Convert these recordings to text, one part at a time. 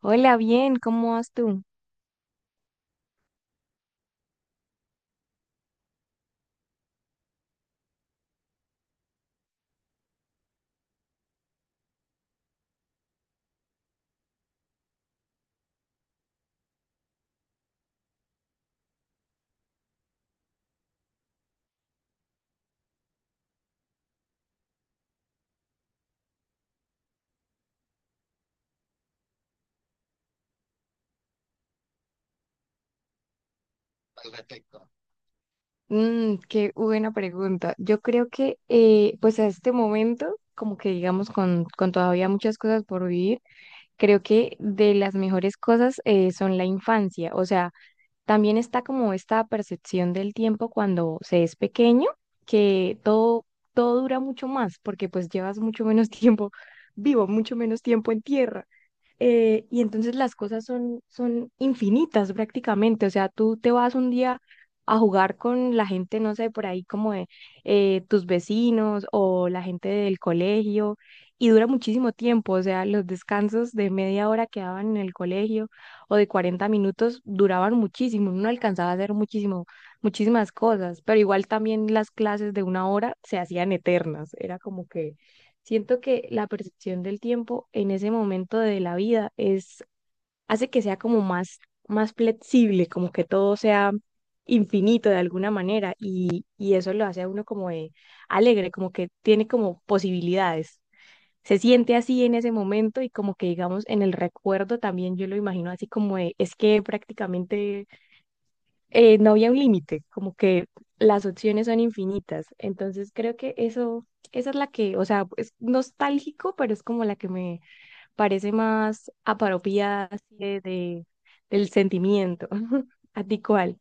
Hola, bien, ¿cómo vas tú? Qué buena pregunta. Yo creo que, pues a este momento, como que digamos, con todavía muchas cosas por vivir, creo que de las mejores cosas son la infancia. O sea, también está como esta percepción del tiempo cuando se es pequeño, que todo, todo dura mucho más, porque pues llevas mucho menos tiempo vivo, mucho menos tiempo en tierra. Y entonces las cosas son infinitas prácticamente. O sea, tú te vas un día a jugar con la gente, no sé, por ahí como de tus vecinos o la gente del colegio y dura muchísimo tiempo. O sea, los descansos de media hora que daban en el colegio o de 40 minutos duraban muchísimo. Uno alcanzaba a hacer muchísimo, muchísimas cosas, pero igual también las clases de una hora se hacían eternas. Era como que siento que la percepción del tiempo en ese momento de la vida hace que sea como más flexible, como que todo sea infinito de alguna manera y eso lo hace a uno como de alegre, como que tiene como posibilidades. Se siente así en ese momento y como que digamos en el recuerdo también yo lo imagino así como de, es que prácticamente no había un límite, como que las opciones son infinitas. Entonces creo que eso, esa es la que, o sea, es nostálgico, pero es como la que me parece más apropiada así del sentimiento. ¿A ti cuál?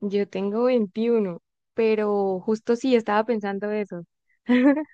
Yo tengo veintiuno, pero justo sí estaba pensando eso.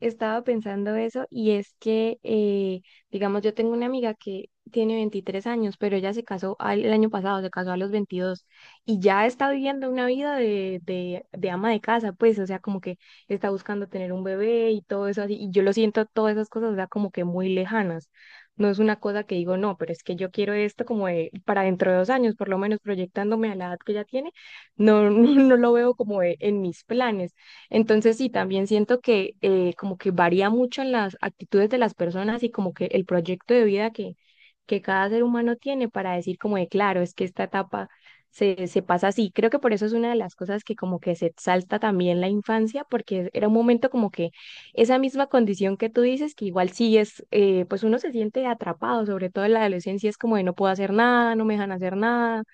Estaba pensando eso y es que, digamos, yo tengo una amiga que tiene 23 años, pero ella se casó al- el año pasado, se casó a los 22 y ya está viviendo una vida de ama de casa, pues, o sea, como que está buscando tener un bebé y todo eso así. Y yo lo siento, todas esas cosas, o sea, como que muy lejanas. No es una cosa que digo, no, pero es que yo quiero esto como de- para dentro de dos años, por lo menos proyectándome a la edad que ella tiene, no, no, lo veo como de- en mis planes. Entonces sí, también siento que como que varía mucho en las actitudes de las personas y como que el proyecto de vida que cada ser humano tiene para decir como de claro, es que esta etapa se pasa así. Creo que por eso es una de las cosas que como que se exalta también la infancia, porque era un momento como que esa misma condición que tú dices, que igual sí es, pues uno se siente atrapado, sobre todo en la adolescencia, es como de no puedo hacer nada, no me dejan hacer nada,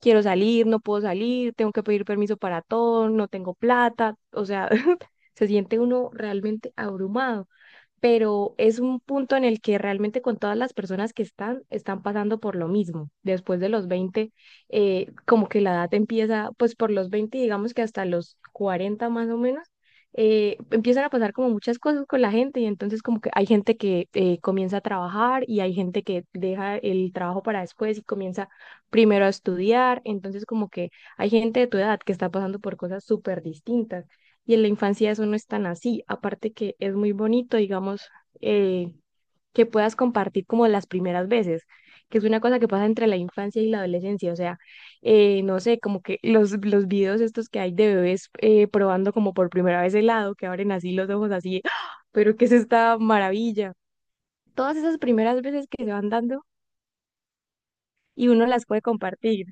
quiero salir, no puedo salir, tengo que pedir permiso para todo, no tengo plata, o sea, se siente uno realmente abrumado, pero es un punto en el que realmente con todas las personas que están pasando por lo mismo. Después de los 20, como que la edad empieza, pues por los 20, digamos que hasta los 40 más o menos, empiezan a pasar como muchas cosas con la gente y entonces como que hay gente que comienza a trabajar y hay gente que deja el trabajo para después y comienza primero a estudiar, entonces como que hay gente de tu edad que está pasando por cosas súper distintas y en la infancia eso no es tan así. Aparte que es muy bonito, digamos, eh, que puedas compartir como las primeras veces, que es una cosa que pasa entre la infancia y la adolescencia. O sea, no sé, como que los videos estos que hay de bebés probando como por primera vez helado, que abren así los ojos así, ¡ah! Pero ¿qué es esta maravilla? Todas esas primeras veces que se van dando y uno las puede compartir.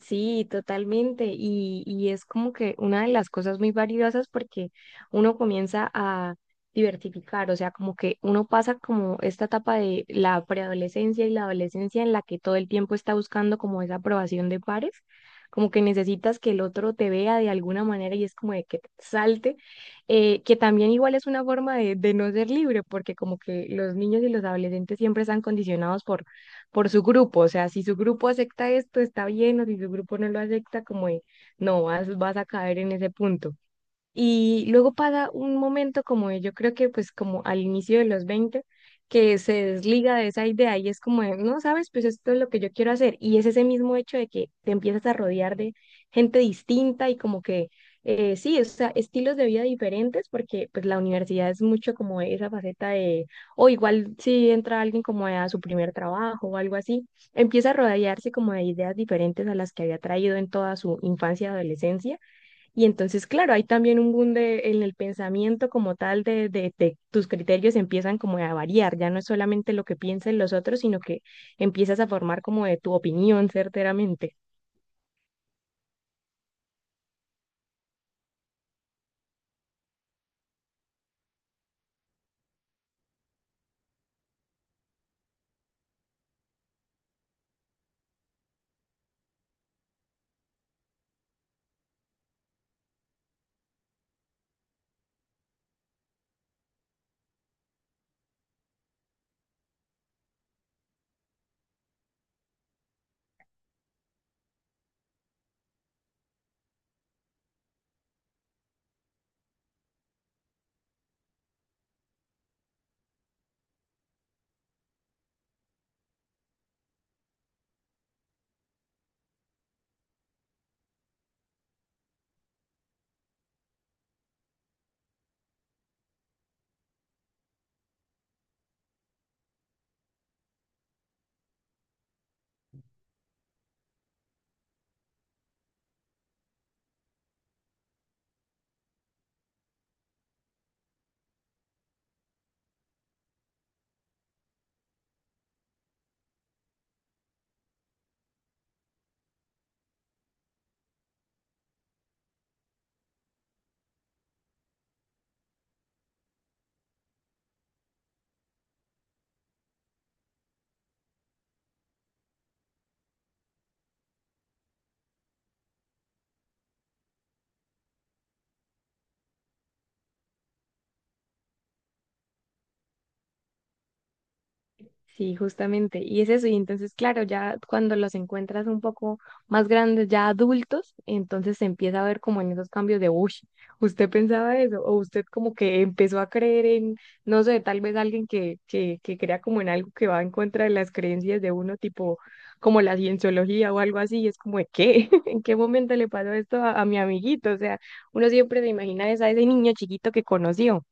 Sí, totalmente. Y es como que una de las cosas muy valiosas porque uno comienza a diversificar, o sea, como que uno pasa como esta etapa de la preadolescencia y la adolescencia en la que todo el tiempo está buscando como esa aprobación de pares, como que necesitas que el otro te vea de alguna manera y es como de que te salte, que también igual es una forma de no ser libre porque como que los niños y los adolescentes siempre están condicionados por su grupo, o sea, si su grupo acepta esto, está bien, o si su grupo no lo acepta, como de, no, vas a caer en ese punto. Y luego pasa un momento como de- yo creo que pues como al inicio de los 20 que se desliga de esa idea y es como de, no, sabes, pues esto es lo que yo quiero hacer. Y es ese mismo hecho de que te empiezas a rodear de gente distinta y como que, sí, o sea, estilos de vida diferentes, porque pues la universidad es mucho como esa faceta de, o igual si entra alguien como a su primer trabajo o algo así, empieza a rodearse como de ideas diferentes a las que había traído en toda su infancia y adolescencia, y entonces, claro, hay también un boom de- en el pensamiento como tal de tus criterios empiezan como a variar, ya no es solamente lo que piensan los otros, sino que empiezas a formar como de tu opinión certeramente. Sí, justamente. Y es eso. Y entonces, claro, ya cuando los encuentras un poco más grandes, ya adultos, entonces se empieza a ver como en esos cambios de, uy, usted pensaba eso, o usted como que empezó a creer en, no sé, tal vez alguien que crea como en algo que va en contra de las creencias de uno, tipo como la cienciología o algo así, y es como, ¿de qué? ¿En qué momento le pasó esto a mi amiguito? O sea, uno siempre se imagina esa- ese niño chiquito que conoció.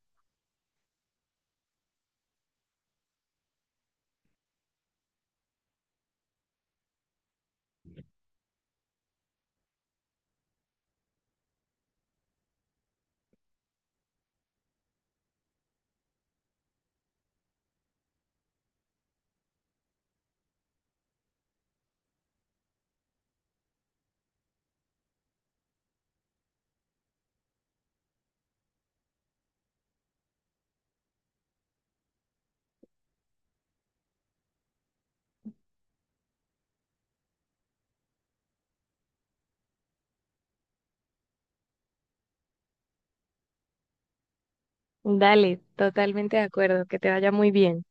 Dale, totalmente de acuerdo, que te vaya muy bien.